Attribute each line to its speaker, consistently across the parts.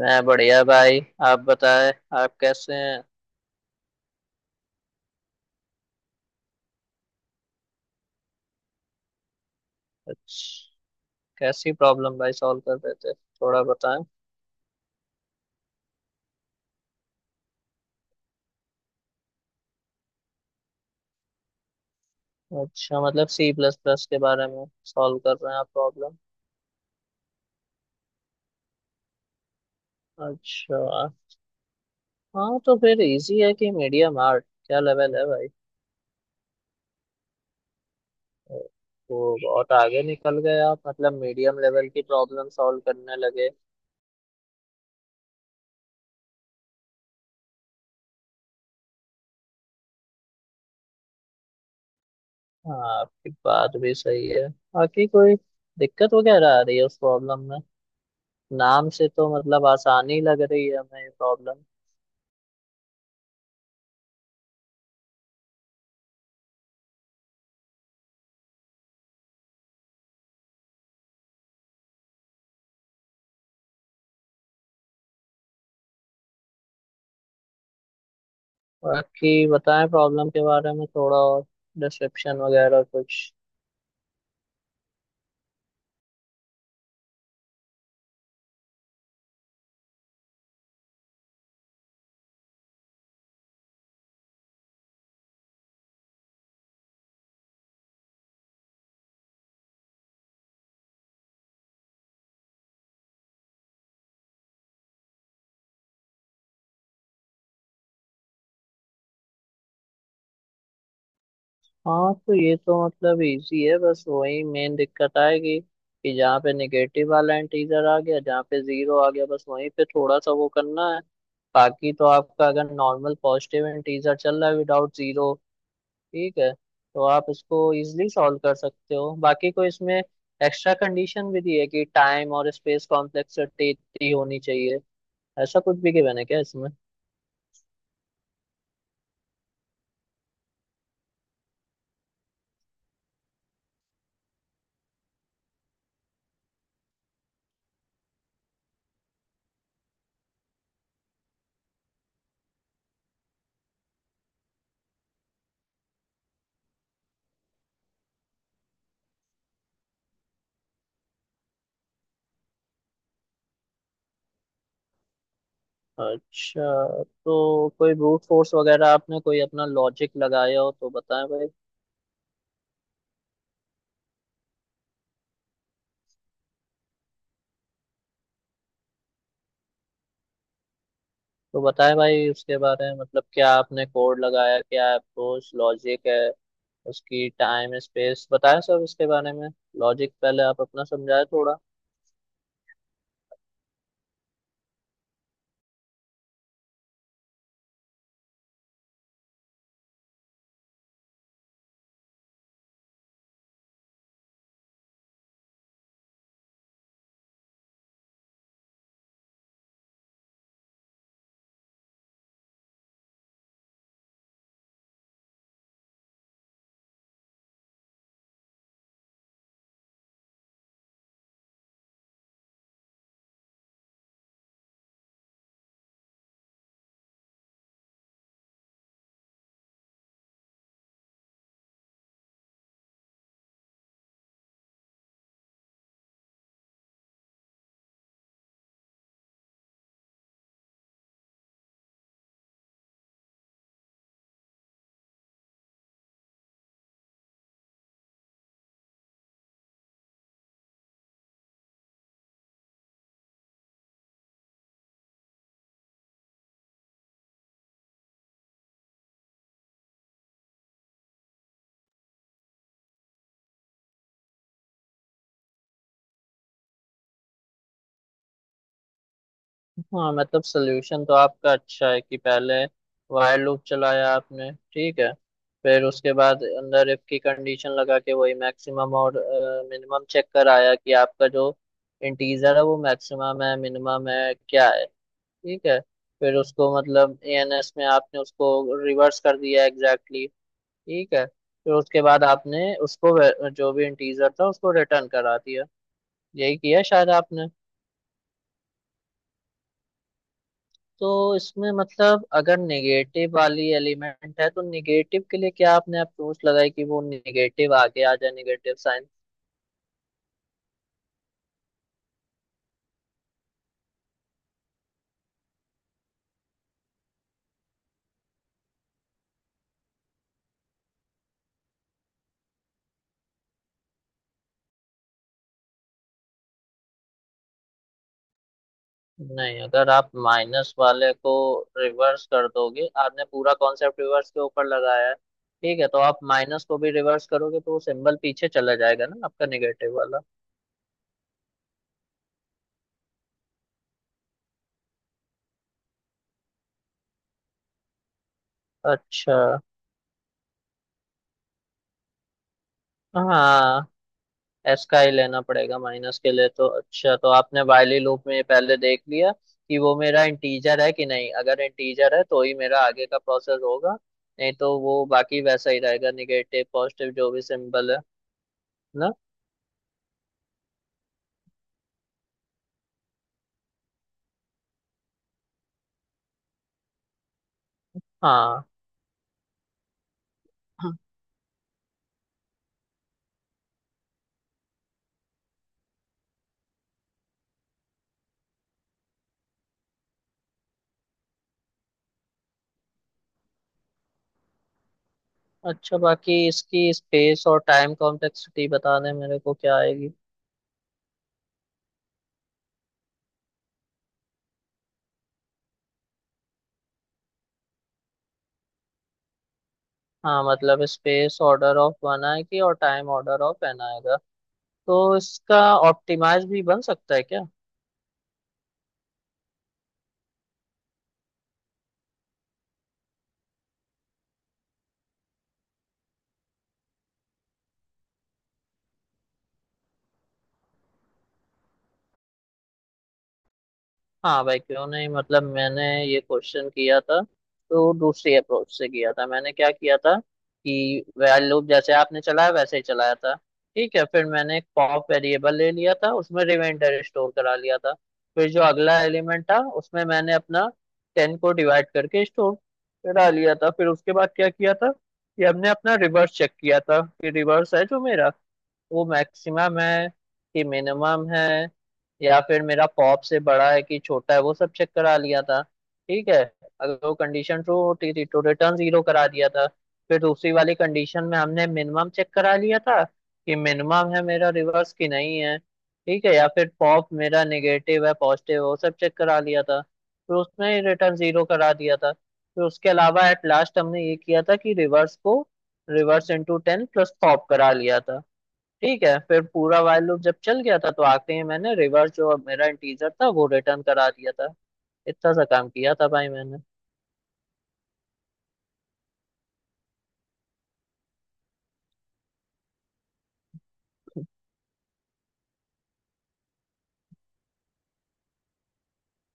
Speaker 1: मैं बढ़िया भाई। आप बताएं, आप कैसे हैं? अच्छा, कैसी प्रॉब्लम भाई सॉल्व कर रहे थे, थोड़ा बताएं। अच्छा, मतलब सी प्लस प्लस के बारे में सॉल्व कर रहे हैं आप प्रॉब्लम? अच्छा। हाँ तो फिर इजी है कि मीडियम, आर्ट क्या लेवल है भाई? वो बहुत आगे निकल गए आप, मतलब मीडियम लेवल की प्रॉब्लम सॉल्व करने लगे। हाँ, आपकी बात भी सही है। बाकी कोई दिक्कत वगैरह आ रही है उस प्रॉब्लम में? नाम से तो मतलब आसानी लग रही है हमें ये प्रॉब्लम। बाकी बताएं प्रॉब्लम के बारे में थोड़ा और, डिस्क्रिप्शन वगैरह कुछ। हाँ तो ये तो मतलब इजी है, बस वही मेन दिक्कत आएगी कि जहाँ पे निगेटिव वाला इंटीजर आ गया, जहाँ पे जीरो आ गया, बस वहीं पे थोड़ा सा वो करना है। बाकी तो आपका अगर नॉर्मल पॉजिटिव इंटीजर चल रहा है विदाउट जीरो, ठीक है, तो आप इसको इजिली सॉल्व कर सकते हो। बाकी कोई इसमें एक्स्ट्रा कंडीशन भी दी है कि टाइम और स्पेस कॉम्प्लेक्सिटी होनी चाहिए, ऐसा कुछ भी given है क्या इसमें? अच्छा, तो कोई ब्रूट फोर्स वगैरह आपने कोई अपना लॉजिक लगाया हो तो बताएं भाई। तो बताएं भाई उसके बारे में, मतलब क्या आपने कोड लगाया, क्या अप्रोच लॉजिक है, उसकी टाइम स्पेस बताएं, सब इसके बारे में। लॉजिक पहले आप अपना समझाएं थोड़ा। हाँ मतलब सोल्यूशन तो आपका अच्छा है कि पहले while लूप चलाया आपने, ठीक है, फिर उसके बाद अंदर इफ की कंडीशन लगा के वही मैक्सिमम और मिनिमम चेक कराया कि आपका जो इंटीजर है वो मैक्सिमम है, मिनिमम है, क्या है। ठीक है, फिर उसको मतलब एएनएस में आपने उसको रिवर्स कर दिया एग्जैक्टली ठीक है, फिर उसके बाद आपने उसको जो भी इंटीजर था उसको रिटर्न करा दिया। यही किया शायद आपने। तो इसमें मतलब अगर नेगेटिव वाली एलिमेंट है तो नेगेटिव के लिए क्या आपने अप्रोच लगाई कि वो नेगेटिव आगे आ जाए, नेगेटिव साइन? नहीं, अगर आप माइनस वाले को रिवर्स कर दोगे, आपने पूरा कॉन्सेप्ट रिवर्स के ऊपर लगाया है, ठीक है, तो आप माइनस को भी रिवर्स करोगे तो वो सिंबल पीछे चला जाएगा ना आपका नेगेटिव वाला। अच्छा। हाँ, एस का ही लेना पड़ेगा माइनस के लिए तो। अच्छा, तो आपने वाइली लूप में पहले देख लिया कि वो मेरा इंटीजर है कि नहीं, अगर इंटीजर है तो ही मेरा आगे का प्रोसेस होगा, नहीं तो वो बाकी वैसा ही रहेगा निगेटिव पॉजिटिव जो भी सिंबल है ना। हाँ। अच्छा बाकी इसकी स्पेस और टाइम कॉम्प्लेक्सिटी बता दें मेरे को क्या आएगी। हाँ मतलब स्पेस ऑर्डर ऑफ वन आएगी और टाइम ऑर्डर ऑफ एन आएगा। तो इसका ऑप्टिमाइज भी बन सकता है क्या? हाँ भाई क्यों नहीं, मतलब मैंने ये क्वेश्चन किया था तो दूसरी अप्रोच से किया था। मैंने क्या किया था कि while लूप जैसे आपने चलाया वैसे ही चलाया था। ठीक है, फिर मैंने एक पॉप वेरिएबल ले लिया था, उसमें रिमाइंडर स्टोर करा लिया था। फिर जो अगला एलिमेंट था उसमें मैंने अपना टेन को डिवाइड करके स्टोर करा लिया था। फिर उसके बाद क्या किया था कि हमने अपना रिवर्स चेक किया था कि रिवर्स है जो मेरा, वो मैक्सिमम है कि मिनिमम है, या फिर मेरा पॉप से बड़ा है कि छोटा है, वो सब चेक करा लिया था। ठीक है, अगर वो कंडीशन ट्रू होती थी तो रिटर्न जीरो करा दिया था। फिर दूसरी वाली कंडीशन में हमने मिनिमम चेक करा लिया था कि मिनिमम है मेरा रिवर्स कि नहीं है, ठीक है, या फिर पॉप मेरा नेगेटिव है पॉजिटिव है, वो सब चेक करा लिया था फिर उसमें रिटर्न जीरो करा दिया था। फिर उसके अलावा एट लास्ट हमने ये किया था कि रिवर्स को reverse into ten plus pop करा लिया था। ठीक है, फिर पूरा वाइल लूप जब चल गया था तो आखिरी में मैंने रिवर्स जो मेरा इंटीजर था वो रिटर्न करा दिया था। इतना सा काम किया था भाई मैंने।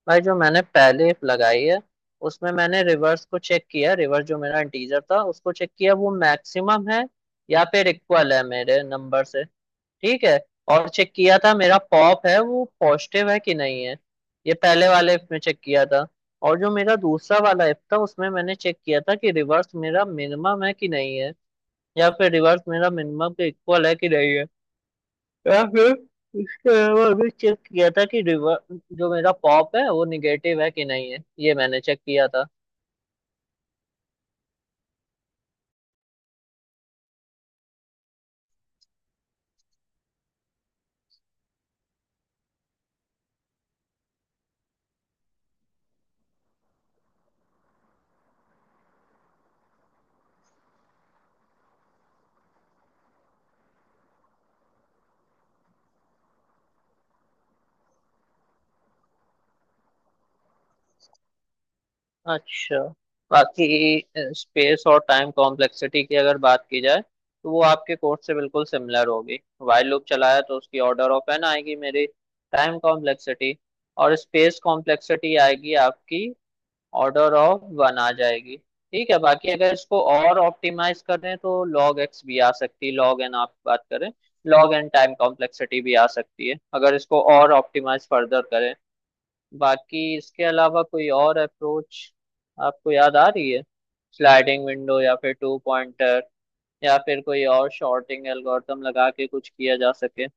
Speaker 1: भाई जो मैंने पहले if लगाई है उसमें मैंने रिवर्स को चेक किया, रिवर्स जो मेरा इंटीजर था उसको चेक किया, वो मैक्सिमम है या फिर इक्वल है मेरे नंबर से, ठीक है, और चेक किया था मेरा पॉप है वो पॉजिटिव है कि नहीं है, ये पहले वाले इफ में चेक किया था। और जो मेरा दूसरा वाला इफ था उसमें मैंने चेक किया था कि रिवर्स मेरा मिनिमम है कि नहीं है, या फिर रिवर्स मेरा मिनिमम के इक्वल है कि नहीं है, या फिर इसके अलावा अभी चेक किया था कि रिवर्स जो मेरा पॉप है वो निगेटिव है कि नहीं है, ये मैंने चेक किया था। अच्छा, बाकी स्पेस और टाइम कॉम्प्लेक्सिटी की अगर बात की जाए तो वो आपके कोर्स से बिल्कुल सिमिलर होगी। वाइल लूप चलाया तो उसकी ऑर्डर ऑफ एन आएगी मेरी टाइम कॉम्प्लेक्सिटी, और स्पेस कॉम्प्लेक्सिटी आएगी आपकी ऑर्डर ऑफ वन आ जाएगी। ठीक है, बाकी अगर इसको और ऑप्टिमाइज करें तो लॉग एक्स भी आ सकती है, लॉग एन आप बात करें, लॉग एन टाइम कॉम्प्लेक्सिटी भी आ सकती है अगर इसको और ऑप्टिमाइज फर्दर करें। बाकी इसके अलावा कोई और अप्रोच आपको याद आ रही है? स्लाइडिंग विंडो या फिर टू पॉइंटर, या फिर कोई और शॉर्टिंग एल्गोरिथम लगा के कुछ किया जा सके?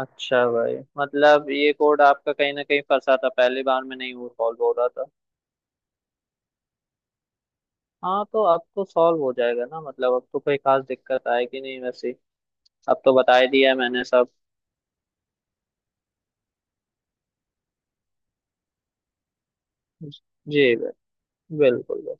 Speaker 1: अच्छा भाई, मतलब ये कोड आपका कहीं ना कहीं फंसा था, पहली बार में नहीं वो सॉल्व हो रहा था। हाँ तो अब तो सॉल्व हो जाएगा ना, मतलब अब तो कोई खास दिक्कत आएगी नहीं वैसे, अब तो बता ही दिया मैंने सब। जी, बिल्कुल बिल्कुल।